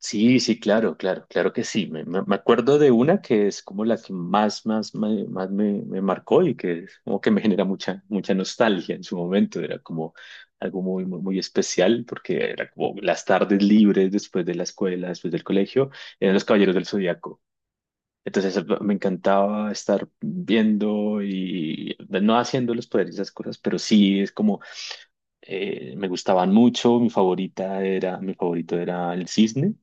Sí, sí, claro, claro, claro que sí. Me acuerdo de una que es como la que más me marcó y que es como que me genera mucha nostalgia en su momento. Era como algo muy especial porque era como las tardes libres después de la escuela, después del colegio, eran los Caballeros del Zodíaco. Entonces me encantaba estar viendo y no haciendo los poderes y esas cosas, pero sí es como me gustaban mucho. Mi favorito era el cisne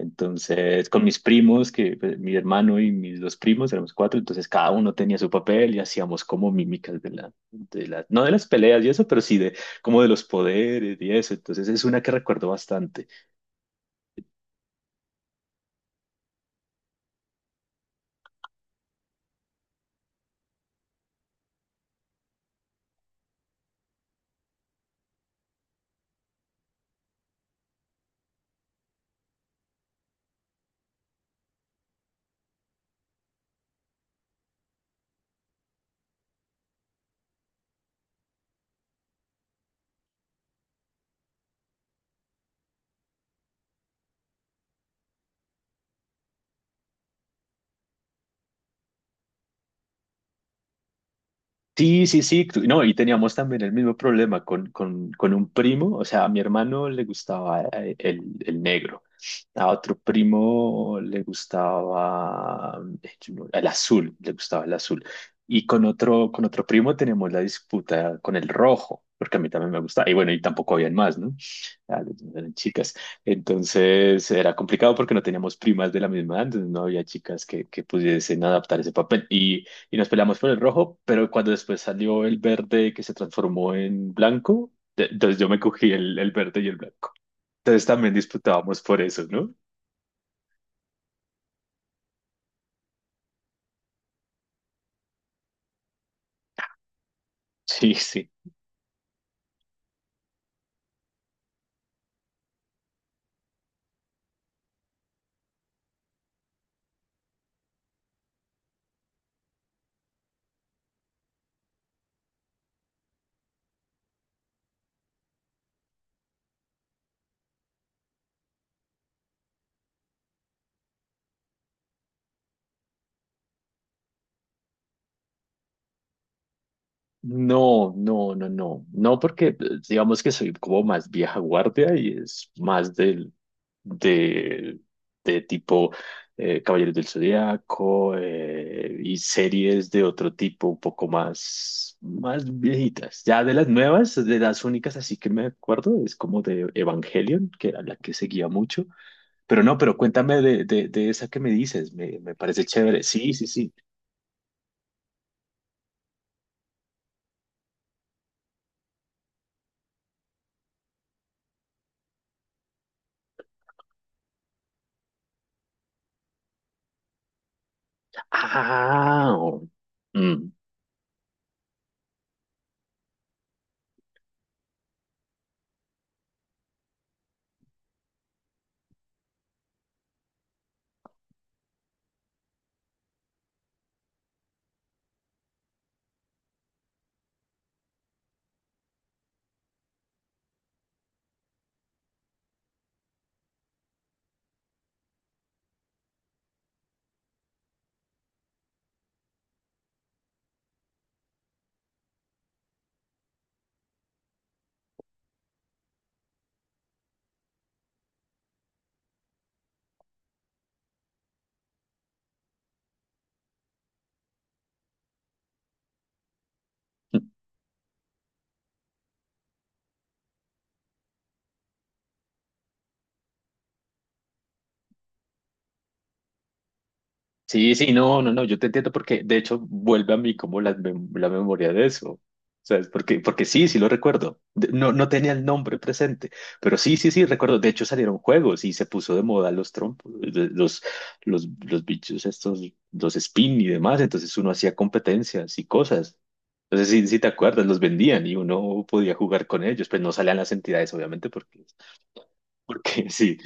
entonces, con mis primos, que pues, mi hermano y mis dos primos, éramos cuatro, entonces cada uno tenía su papel y hacíamos como mímicas de la, no de las peleas y eso, pero sí de como de los poderes y eso. Entonces es una que recuerdo bastante. Sí, sí, sí, no, y teníamos también el mismo problema con un primo, o sea, a mi hermano le gustaba el negro, a otro primo le gustaba yo no- el azul, le gustaba el azul, y con otro primo tenemos la disputa con el rojo, porque a mí también me gustaba, y bueno, y tampoco habían más, ¿no? Ah, eran chicas, entonces era complicado porque no teníamos primas de la misma edad, entonces no había chicas que pudiesen adaptar ese papel, y nos peleamos por el rojo, pero cuando después salió el verde que se transformó en blanco, entonces yo me cogí el verde y el blanco. Entonces también disputábamos por eso, ¿no? Sí, sí. No, no, no, no. No, porque pues, digamos que soy como más vieja guardia y es más del, de, de tipo Caballeros del Zodiaco y series de otro tipo un poco más, más viejitas. Ya de las nuevas, de las únicas así que me acuerdo, es como de Evangelion, que era la que seguía mucho. Pero no, pero cuéntame de esa que me dices, me parece chévere. Sí, sí, sí. Ah, oh. Mm. Sí, sí, no, no, no, yo te entiendo porque de hecho vuelve a mí como la memoria de eso, ¿sabes? Porque, porque sí, sí lo recuerdo. No, no tenía el nombre presente, pero sí, sí, sí, recuerdo, de hecho salieron juegos y se puso de moda los trompos, los bichos estos, los spin y demás, entonces uno hacía competencias y cosas, entonces sí, sí te acuerdas, los vendían y uno podía jugar con ellos, pues no salían las entidades obviamente porque, porque sí.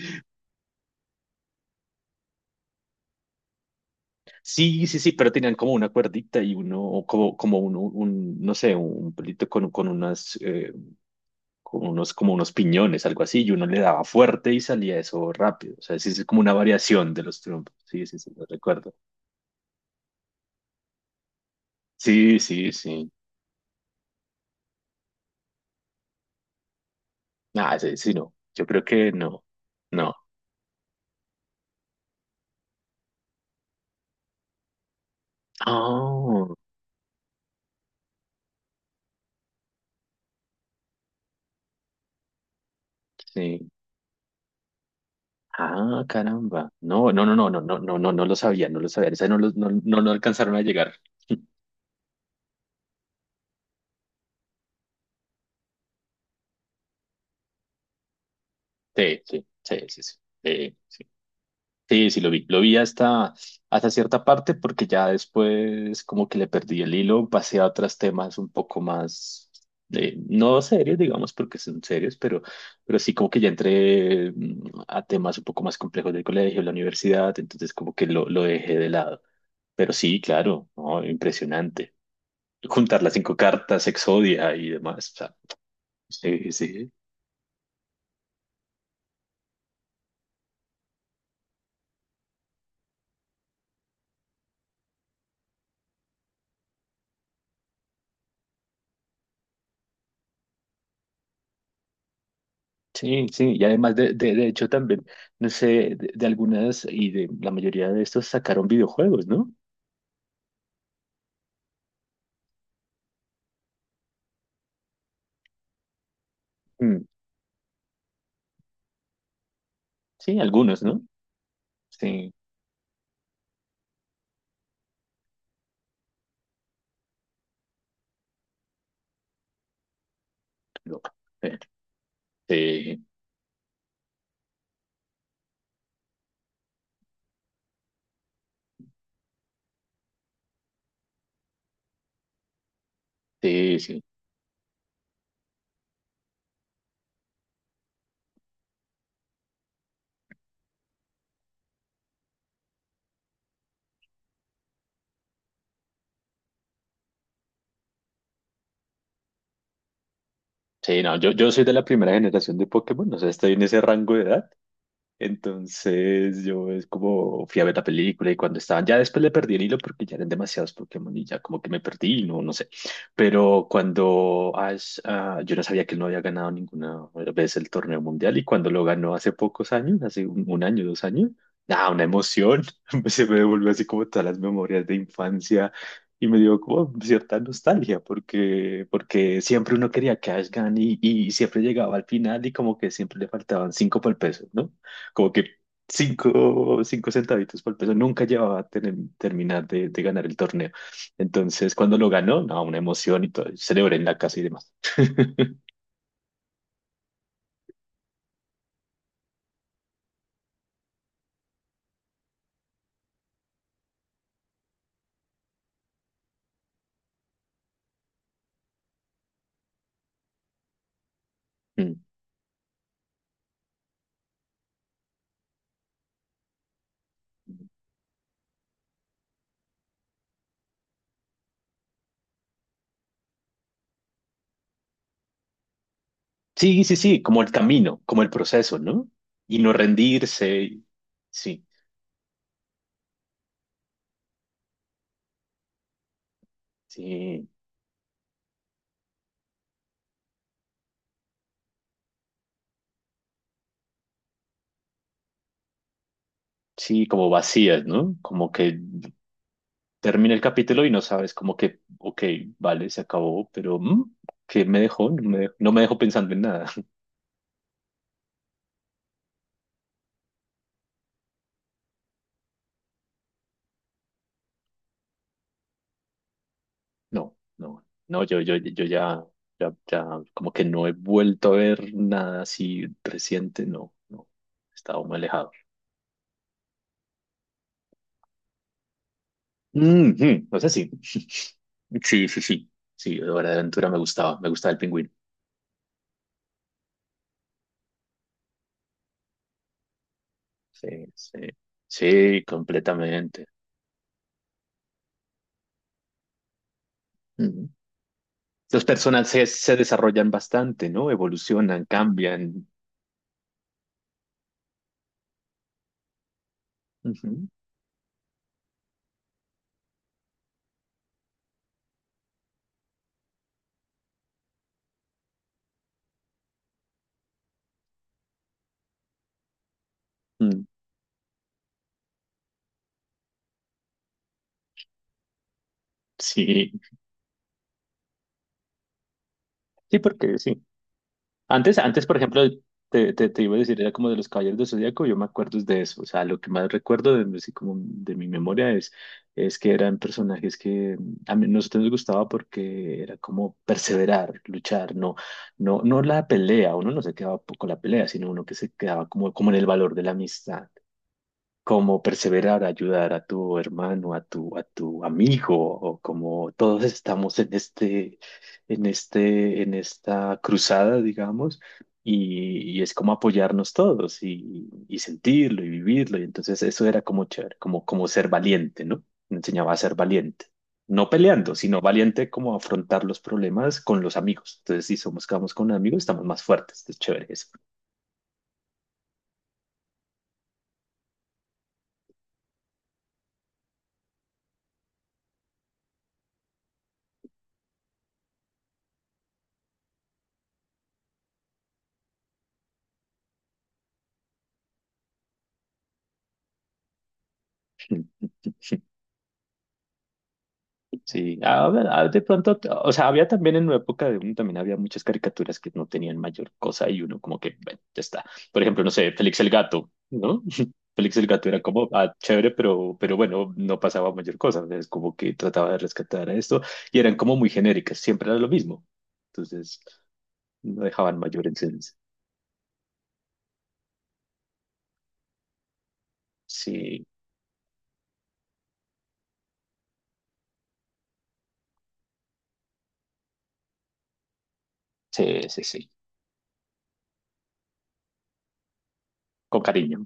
Sí, sí, sí, pero tenían como una cuerdita y uno, o como, como un, no sé, un pelito con unas, con unos, como unos piñones, algo así, y uno le daba fuerte y salía eso rápido. O sea, sí, sí, es como una variación de los trompos. Sí, sí, sí, lo recuerdo. Sí, sí, sí. Ah, sí, sí, no. Yo creo que no. No. Oh, sí. Ah, caramba. No, no, no, no, no, no, no, no, no lo sabía, no lo sabía. Esa no, no, no, no alcanzaron a llegar. Sí, sí, sí, sí, sí. Sí, sí. Sí, sí, lo vi. Lo vi hasta, hasta cierta parte porque ya después como que le perdí el hilo, pasé a otros temas un poco más, no serios, digamos, porque son serios, pero sí como que ya entré a temas un poco más complejos del colegio, la universidad, entonces como que lo dejé de lado. Pero sí, claro, ¿no? Impresionante. Juntar las cinco cartas, Exodia y demás. O sea, sí, sí. Sí, sí, y además de hecho también, no sé, de algunas y de la mayoría de estos sacaron videojuegos, ¿no? Mm, sí, algunos, ¿no? Sí, loco. Eh, Sí, sí, sí. Sí, no, yo soy de la primera generación de Pokémon, o sea, estoy en ese rango de edad. Entonces yo es como fui a ver la película y cuando estaban, ya después le perdí el hilo porque ya eran demasiados Pokémon y ya como que me perdí, y no, no sé. Pero cuando Ash, ah, yo no sabía que él no había ganado ninguna vez el torneo mundial y cuando lo ganó hace pocos años, hace un año, dos años, nada, una emoción, se me devolvió así como todas las memorias de infancia y me dio como cierta nostalgia porque, porque siempre uno quería que Ash gane y siempre llegaba al final y como que siempre le faltaban cinco por el peso, ¿no? Como que cinco, cinco centavitos por peso. Nunca llevaba a terminar de ganar el torneo. Entonces, cuando lo ganó, no, una emoción y todo. Celebré en la casa y demás. Mm. Sí, sí, sí, como el camino, como el proceso, ¿no? Y no rendirse, sí, sí, sí, como vacías, ¿no? Como que termina el capítulo y no sabes como que, ok, vale, se acabó, pero ¿qué me dejó? No me dejó, no me dejó pensando en nada. No, no, no, yo ya, ya, como que no he vuelto a ver nada así reciente, no, no, he estado muy alejado. Ujú, o sea, sí, sí, sí, sí, sí, Hora de Aventura me gustaba el pingüino, sí, sí, sí, completamente. Ujú. Los personajes se desarrollan bastante, ¿no? Evolucionan, cambian. Ujú, mm, sí, sí, porque sí. Antes, antes, por ejemplo, te iba a decir, era como de los Caballeros del Zodíaco, yo me acuerdo es de eso, o sea, lo que más recuerdo de, así como de mi memoria es que eran personajes que a mí, nosotros nos gustaba porque era como perseverar, luchar, no, no, no la pelea, uno no se quedaba con la pelea, sino uno que se quedaba como, como en el valor de la amistad, como perseverar, ayudar a tu hermano, a tu amigo, o como todos estamos en en esta cruzada, digamos, y es como apoyarnos todos y sentirlo y vivirlo. Y entonces eso era como chévere, como, como ser valiente, ¿no? Me enseñaba a ser valiente. No peleando, sino valiente como afrontar los problemas con los amigos. Entonces, si somos, quedamos con amigos, estamos más fuertes. Es chévere eso. Sí, a ver, de pronto, o sea, había también en una época de uno también había muchas caricaturas que no tenían mayor cosa y uno como que, bueno, ya está. Por ejemplo, no sé, Félix el Gato, ¿no? Félix el Gato era como, ah, chévere, pero bueno, no pasaba mayor cosa. Es como que trataba de rescatar a esto y eran como muy genéricas, siempre era lo mismo. Entonces, no dejaban mayor enseñanza. Sí, sí, sí, sí, con cariño.